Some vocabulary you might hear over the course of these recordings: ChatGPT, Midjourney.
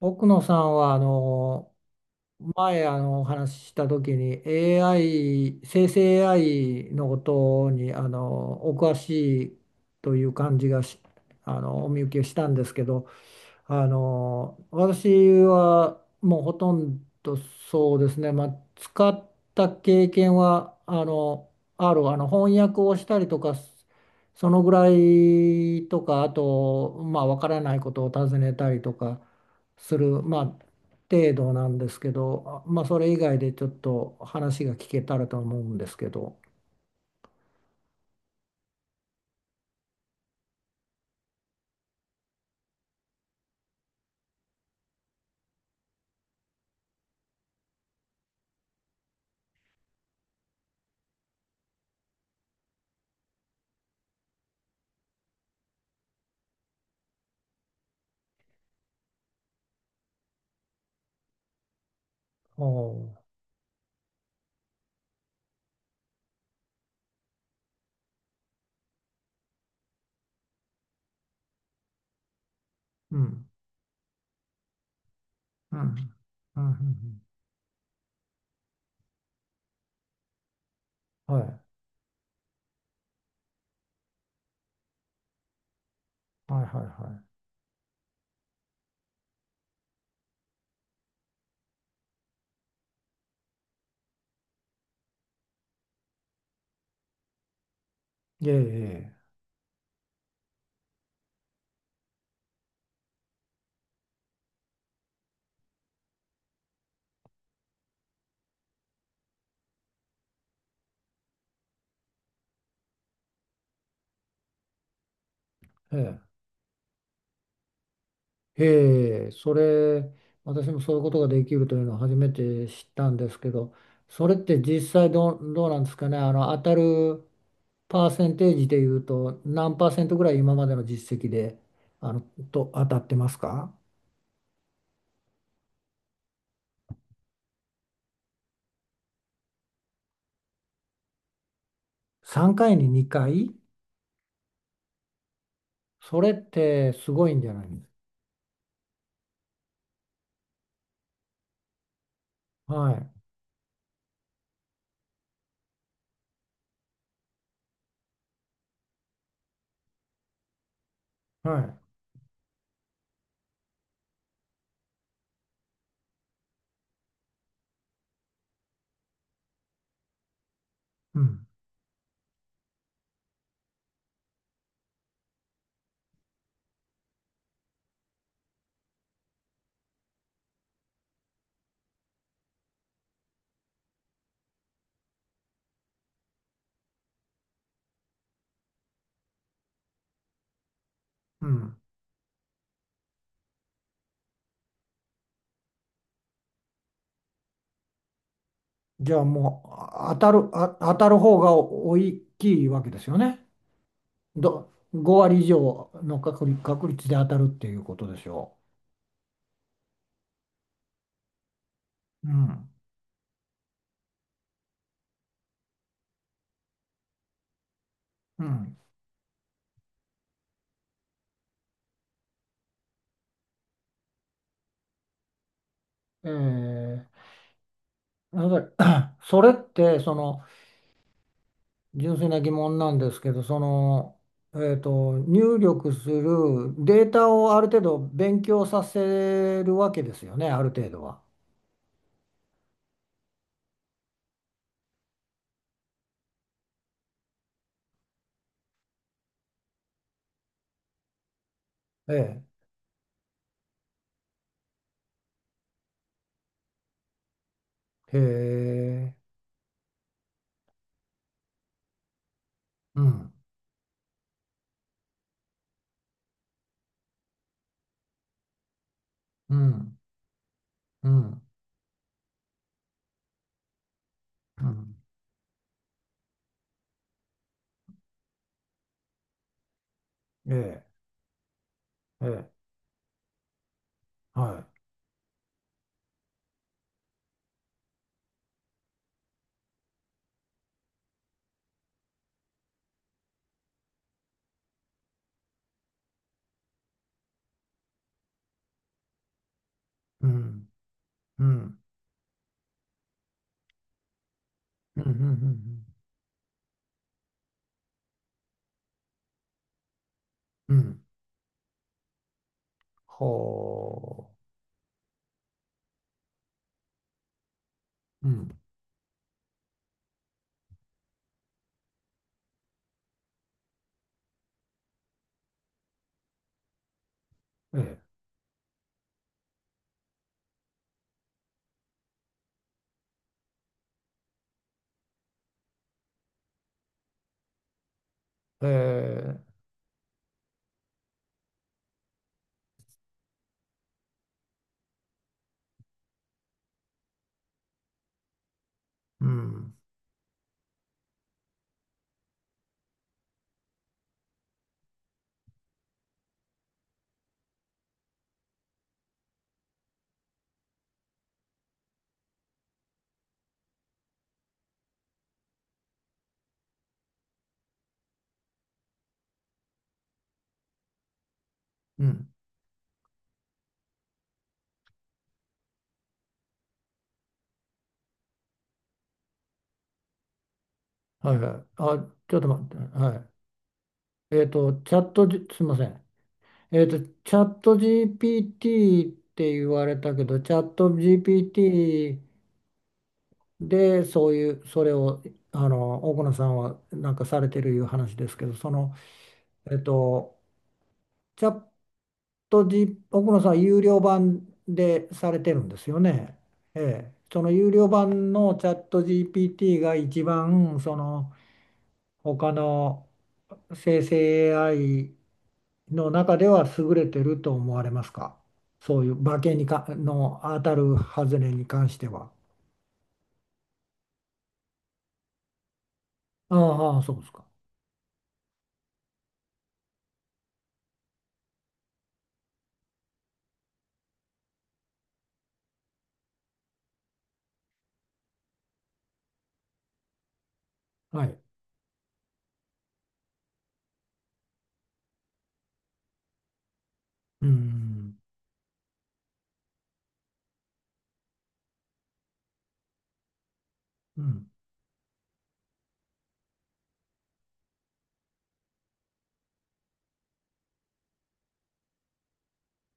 奥野さんはあの前あのお話しした時に、 AI、 生成 AI のことにお詳しいという感じがしあのお見受けしたんですけど、私はもうほとんど、そうですね、まあ、使った経験はある、翻訳をしたりとか、そのぐらいとか、あとまあわからないことを尋ねたりとかする、まあ、程度なんですけど、まあ、それ以外でちょっと話が聞けたらと思うんですけど。おー、うん、うん、うん、うん、うん、はい、はい、はい、はい。ええ、ええ、ええ、へえ、それ、私もそういうことができるというのを初めて知ったんですけど、それって実際どう、どうなんですかね、あの当たるパーセンテージでいうと、何パーセントぐらい今までの実績であのと当たってますか？ 3 回に2回、それってすごいんじゃないですか。はい、はい、うん、うん。じゃあもう当たる、あ、当たる方が大きいわけですよね。ど、5割以上の確率、確率で当たるっていうことでしょう。うん。うん。えー、なので それって、その、純粋な疑問なんですけど、その、えっと、入力するデータをある程度勉強させるわけですよね、ある程度は。ええ。へえ。うん。うん。うん。うん。ええ。ええ。はい。うん。うん。うん。うん。うん。うん。ほう。うん。ええ。ええ。うん。うん。はいはい。あ、ちょっと待って。はい。えっと、チャットじ、すいません。えっと、チャット GPT って言われたけど、チャット GPT でそういう、それを、あの、奥野さんはなんかされてるいう話ですけど、その、えっと、チャット G、奥野さんは有料版でされてるんですよね。ええ、その有料版のチャット GPT が一番、その他の生成 AI の中では優れてると思われますか、そういう馬券にかの当たる外れに関しては。ああ、そうですか。はい。うん。うん。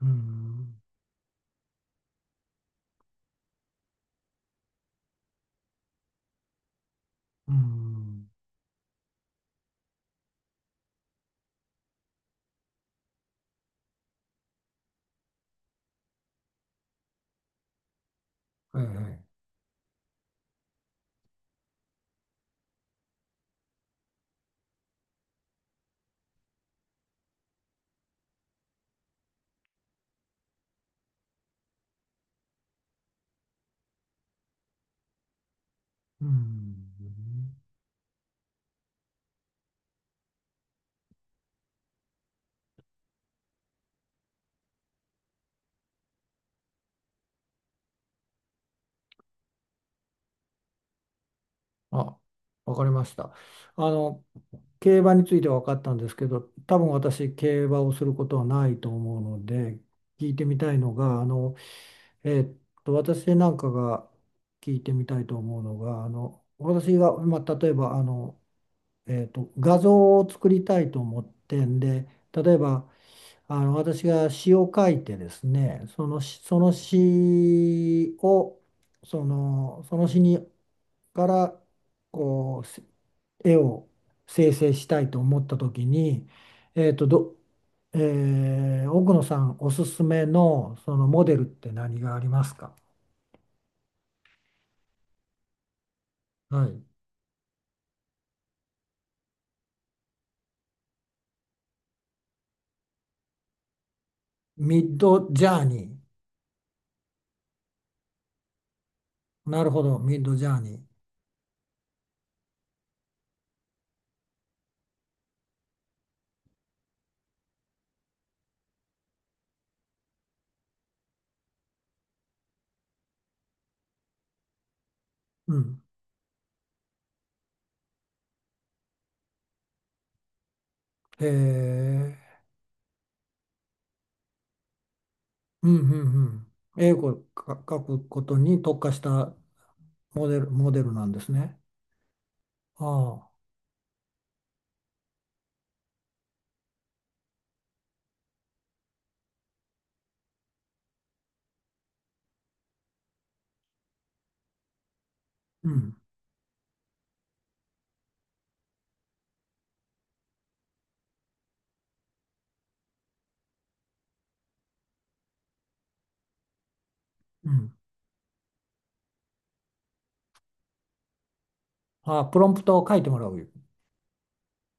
うん。うん。はいはい。うん。あ、わかりました。あの、競馬については分かったんですけど、多分私、競馬をすることはないと思うので、聞いてみたいのが、あの、えーっ私なんかが聞いてみたいと思うのが、あの、私が、まあ、例えば、あの、えーっと、画像を作りたいと思ってんで、例えば、あの、私が詩を書いてですね、その詩を、その、その詩にからこう絵を生成したいと思った時に、えーと、ど、えー、奥野さんおすすめのそのモデルって何がありますか。はい。ミッドジャーニー。なるほど、ミッドジャーニー。うん。へえ。うんうんうん。絵を描くことに特化したモデルなんですね。ああ。うん。うん。ああ、プロンプトを書いてもらう、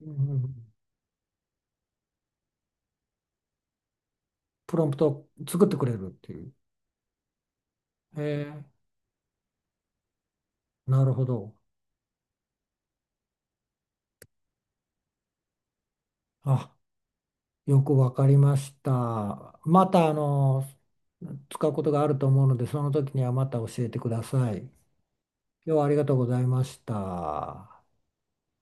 うんうんうん、プロンプトを作ってくれるっていう。へえ、なるほど。あ、よくわかりました。また、あの、使うことがあると思うので、その時にはまた教えてください。今日はありがとうございました。